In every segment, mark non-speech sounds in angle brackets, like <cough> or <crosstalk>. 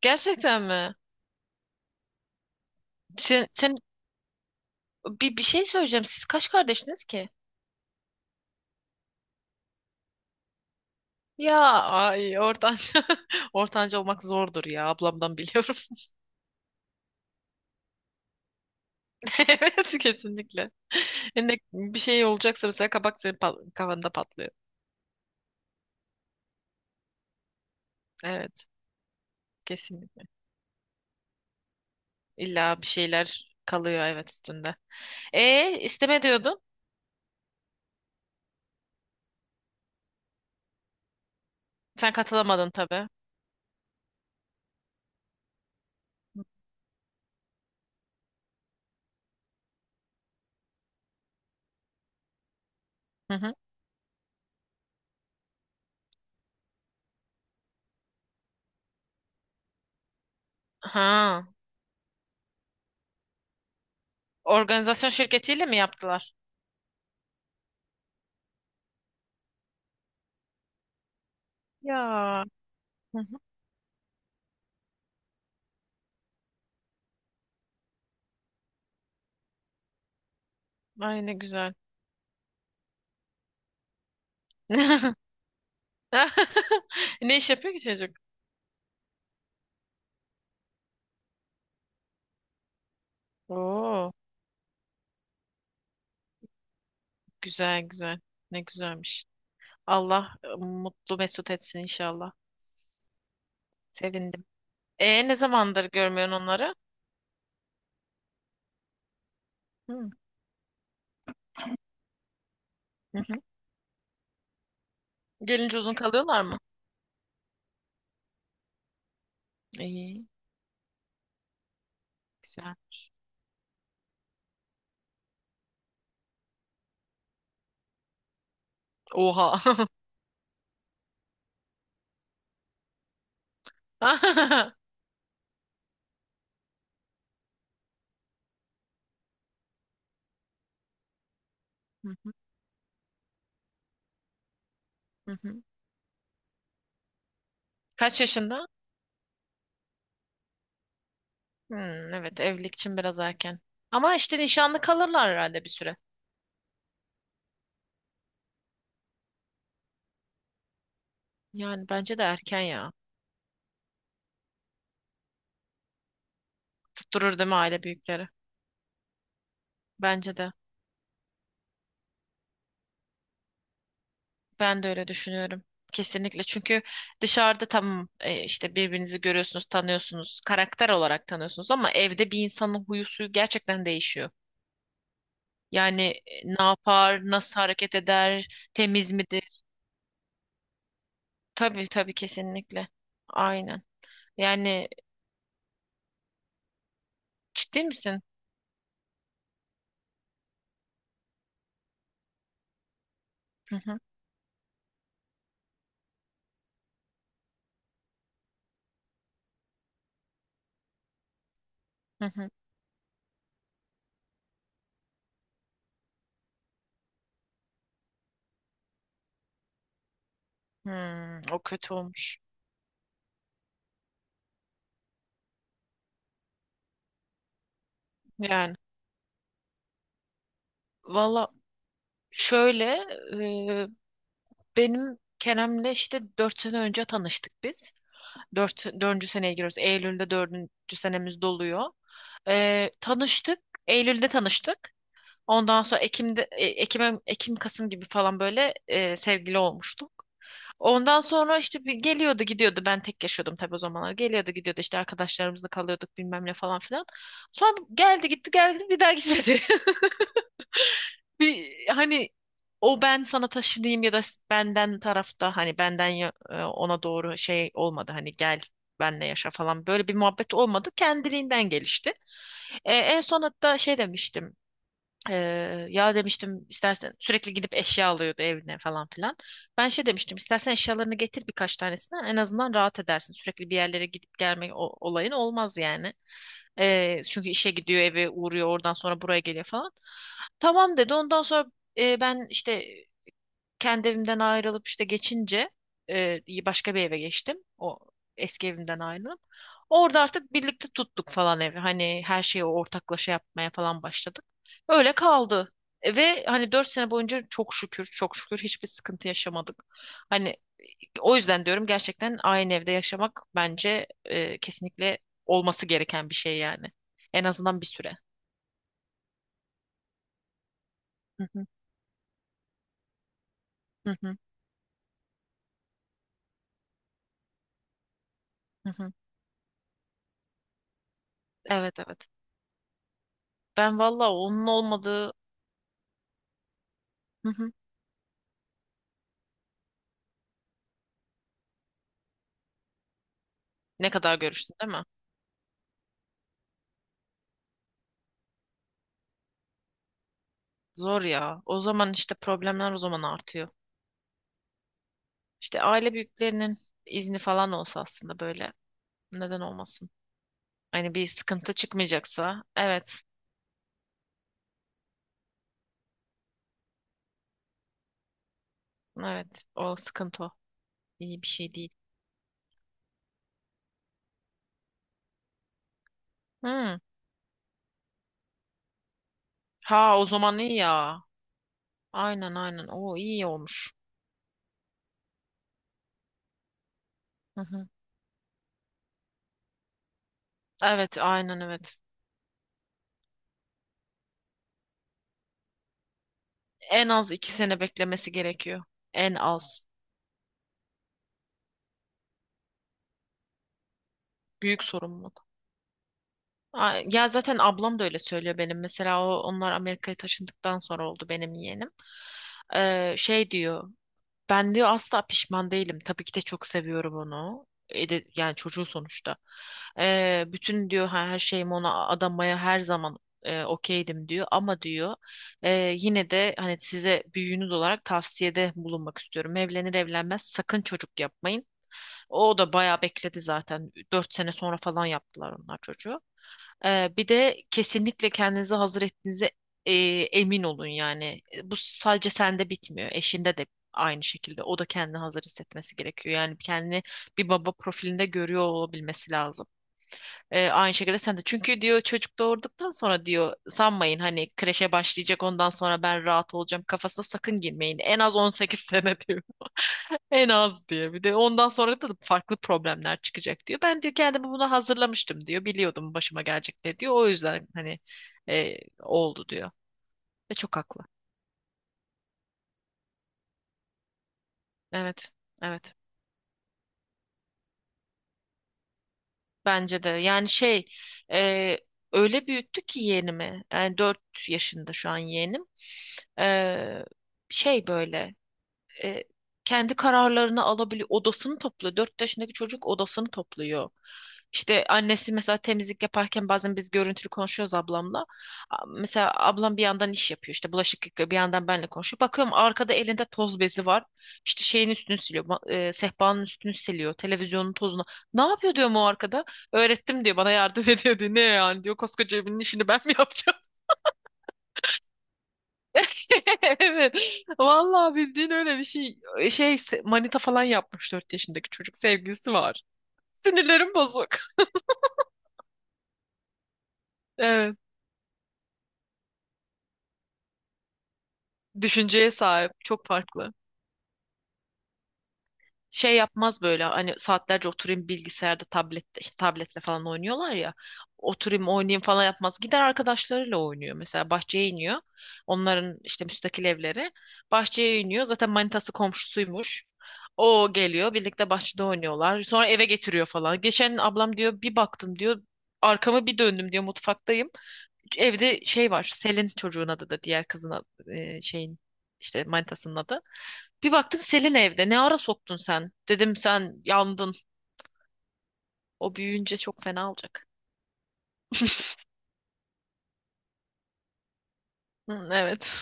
Gerçekten mi? Sen bir şey söyleyeceğim. Siz kaç kardeşiniz ki? Ya ay ortanca <laughs> ortanca olmak zordur ya ablamdan biliyorum. <laughs> Evet kesinlikle. Ne, bir şey olacaksa mesela kabak senin kafanda patlıyor. Evet kesinlikle. İlla bir şeyler kalıyor evet üstünde. E isteme diyordun. Sen katılamadın tabii. Hı hı. Ha, organizasyon şirketiyle mi yaptılar? Ya. Hı hı. Ay ne güzel. <laughs> <laughs> Ne iş yapıyor ki çocuk? Oo, güzel güzel. Ne güzelmiş. Allah mutlu mesut etsin inşallah. Sevindim. Ne zamandır görmüyorsun onları? Hı. Hı hı. Gelince uzun kalıyorlar mı? İyi, güzel. Oha. <laughs> Hı hı, hı hı. Kaç yaşında? Hmm, evet evlilik için biraz erken. Ama işte nişanlı kalırlar herhalde bir süre. Yani bence de erken ya. Tutturur değil mi aile büyükleri? Bence de. Ben de öyle düşünüyorum. Kesinlikle. Çünkü dışarıda tamam işte birbirinizi görüyorsunuz, tanıyorsunuz, karakter olarak tanıyorsunuz ama evde bir insanın huyu suyu gerçekten değişiyor. Yani ne yapar, nasıl hareket eder, temiz midir? Tabii tabii kesinlikle. Aynen. Yani ciddi misin? Hı hı, hı hı. Hmm, o kötü olmuş. Yani valla şöyle e, benim Kerem'le işte 4 sene önce tanıştık biz. Dördüncü seneye giriyoruz. Eylül'de dördüncü senemiz doluyor. Tanıştık. Eylül'de tanıştık. Ondan sonra Ekim'de, Ekim'e, Ekim, Kasım gibi falan böyle sevgili olmuştuk. Ondan sonra işte bir geliyordu gidiyordu. Ben tek yaşıyordum tabii o zamanlar. Geliyordu gidiyordu işte arkadaşlarımızla kalıyorduk bilmem ne falan filan. Sonra geldi gitti geldi gitti, bir daha gitmedi. <laughs> Bir, hani o ben sana taşıdığım ya da benden tarafta hani benden ona doğru şey olmadı hani gel benle yaşa falan böyle bir muhabbet olmadı kendiliğinden gelişti. En son hatta şey demiştim. Ya demiştim istersen sürekli gidip eşya alıyordu evine falan filan. Ben şey demiştim istersen eşyalarını getir birkaç tanesini en azından rahat edersin. Sürekli bir yerlere gidip gelme olayın olmaz yani. Çünkü işe gidiyor eve uğruyor oradan sonra buraya geliyor falan. Tamam dedi ondan sonra ben işte kendi evimden ayrılıp işte geçince e, başka bir eve geçtim. O eski evimden ayrılıp. Orada artık birlikte tuttuk falan evi. Hani her şeyi ortaklaşa yapmaya falan başladık. Öyle kaldı. Ve hani 4 sene boyunca çok şükür, çok şükür hiçbir sıkıntı yaşamadık. Hani o yüzden diyorum gerçekten aynı evde yaşamak bence kesinlikle olması gereken bir şey yani. En azından bir süre. Hı hı, hı hı, hı hı. Evet evet. Ben valla onun olmadığı. Hı hı. Ne kadar görüştün değil mi? Zor ya. O zaman işte problemler o zaman artıyor. İşte aile büyüklerinin izni falan olsa aslında böyle neden olmasın? Hani bir sıkıntı çıkmayacaksa evet. Evet. O sıkıntı o. İyi bir şey değil. Hmm. Ha o zaman iyi ya. Aynen aynen. O iyi olmuş. Hı hı. Evet aynen evet. En az 2 sene beklemesi gerekiyor. En az. Büyük sorumluluk. Ya zaten ablam da öyle söylüyor benim. Mesela onlar Amerika'ya taşındıktan sonra oldu benim yeğenim. Şey diyor. Ben diyor asla pişman değilim. Tabii ki de çok seviyorum onu. Yani çocuğu sonuçta. Bütün diyor her şeyimi ona adamaya her zaman okeydim diyor. Ama diyor e, yine de hani size büyüğünüz olarak tavsiyede bulunmak istiyorum. Evlenir evlenmez sakın çocuk yapmayın. O da bayağı bekledi zaten. 4 sene sonra falan yaptılar onlar çocuğu. Bir de kesinlikle kendinizi hazır ettiğinize e, emin olun yani. Bu sadece sende bitmiyor. Eşinde de aynı şekilde. O da kendini hazır hissetmesi gerekiyor. Yani kendini bir baba profilinde görüyor olabilmesi lazım. Aynı şekilde sen de. Çünkü diyor çocuk doğurduktan sonra diyor sanmayın hani kreşe başlayacak ondan sonra ben rahat olacağım kafasına sakın girmeyin. En az 18 <laughs> sene diyor. En az diye. Bir de ondan sonra da farklı problemler çıkacak diyor. Ben diyor kendimi buna hazırlamıştım diyor. Biliyordum başıma gelecekleri diyor. O yüzden hani oldu diyor. Ve çok haklı. Evet. Evet. Bence de. Yani şey e, öyle büyüttü ki yeğenimi. Yani 4 yaşında şu an yeğenim. E, şey böyle. e, kendi kararlarını alabiliyor. Odasını topluyor. 4 yaşındaki çocuk odasını topluyor. İşte annesi mesela temizlik yaparken bazen biz görüntülü konuşuyoruz ablamla. Mesela ablam bir yandan iş yapıyor. İşte bulaşık yıkıyor. Bir yandan benle konuşuyor. Bakıyorum arkada elinde toz bezi var. İşte şeyin üstünü siliyor. Sehpanın üstünü siliyor. Televizyonun tozunu. Ne yapıyor diyorum o arkada? Öğrettim diyor. Bana yardım <laughs> ediyor diyor. Ne yani diyor. Koskoca evinin işini ben mi yapacağım? <laughs> Evet. Vallahi bildiğin öyle bir şey. Şey manita falan yapmış 4 yaşındaki çocuk sevgilisi var. Sinirlerim bozuk. <laughs> Evet. Düşünceye sahip. Çok farklı. Şey yapmaz böyle hani saatlerce oturayım bilgisayarda tablette işte tabletle falan oynuyorlar ya oturayım oynayayım falan yapmaz gider arkadaşlarıyla oynuyor mesela bahçeye iniyor onların işte müstakil evleri bahçeye iniyor zaten manitası komşusuymuş o geliyor birlikte bahçede oynuyorlar sonra eve getiriyor falan geçen ablam diyor bir baktım diyor arkamı bir döndüm diyor mutfaktayım evde şey var Selin çocuğun adı da diğer kızın adı, şeyin işte manitasının adı bir baktım Selin evde. Ne ara soktun sen? Dedim sen yandın. O büyüyünce çok fena olacak. Hı, evet.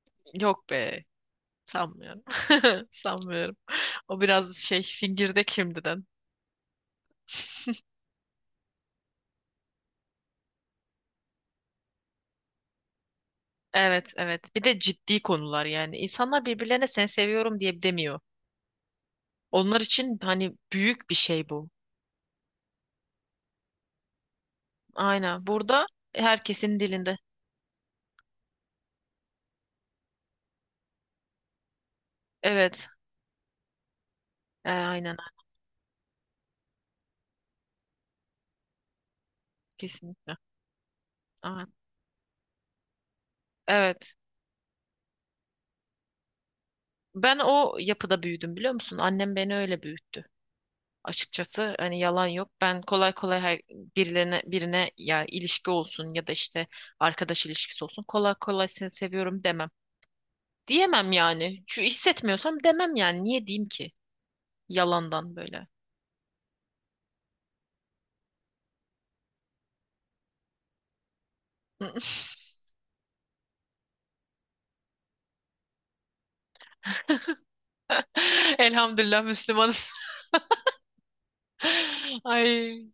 <laughs> Yok be. Sanmıyorum. <laughs> Sanmıyorum. O biraz şey fingirdek şimdiden. Evet evet. Bir de ciddi konular yani. İnsanlar birbirlerine sen seviyorum diye demiyor. Onlar için hani büyük bir şey bu. Aynen. Burada herkesin dilinde. Evet. Aynen. Kesinlikle. Aynen. Evet. Ben o yapıda büyüdüm biliyor musun? Annem beni öyle büyüttü. Açıkçası hani yalan yok. Ben kolay kolay her birine ya ilişki olsun ya da işte arkadaş ilişkisi olsun kolay kolay seni seviyorum demem. Diyemem yani. Şu hissetmiyorsam demem yani. Niye diyeyim ki? Yalandan böyle. <laughs> Elhamdülillah Müslümanız. <laughs> Ay,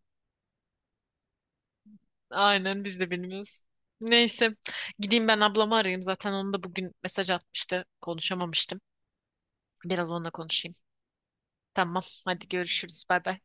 aynen biz de bilmiyoruz. Neyse gideyim ben ablamı arayayım. Zaten onu da bugün mesaj atmıştı. Konuşamamıştım. Biraz onunla konuşayım. Tamam. Hadi görüşürüz. Bay bay.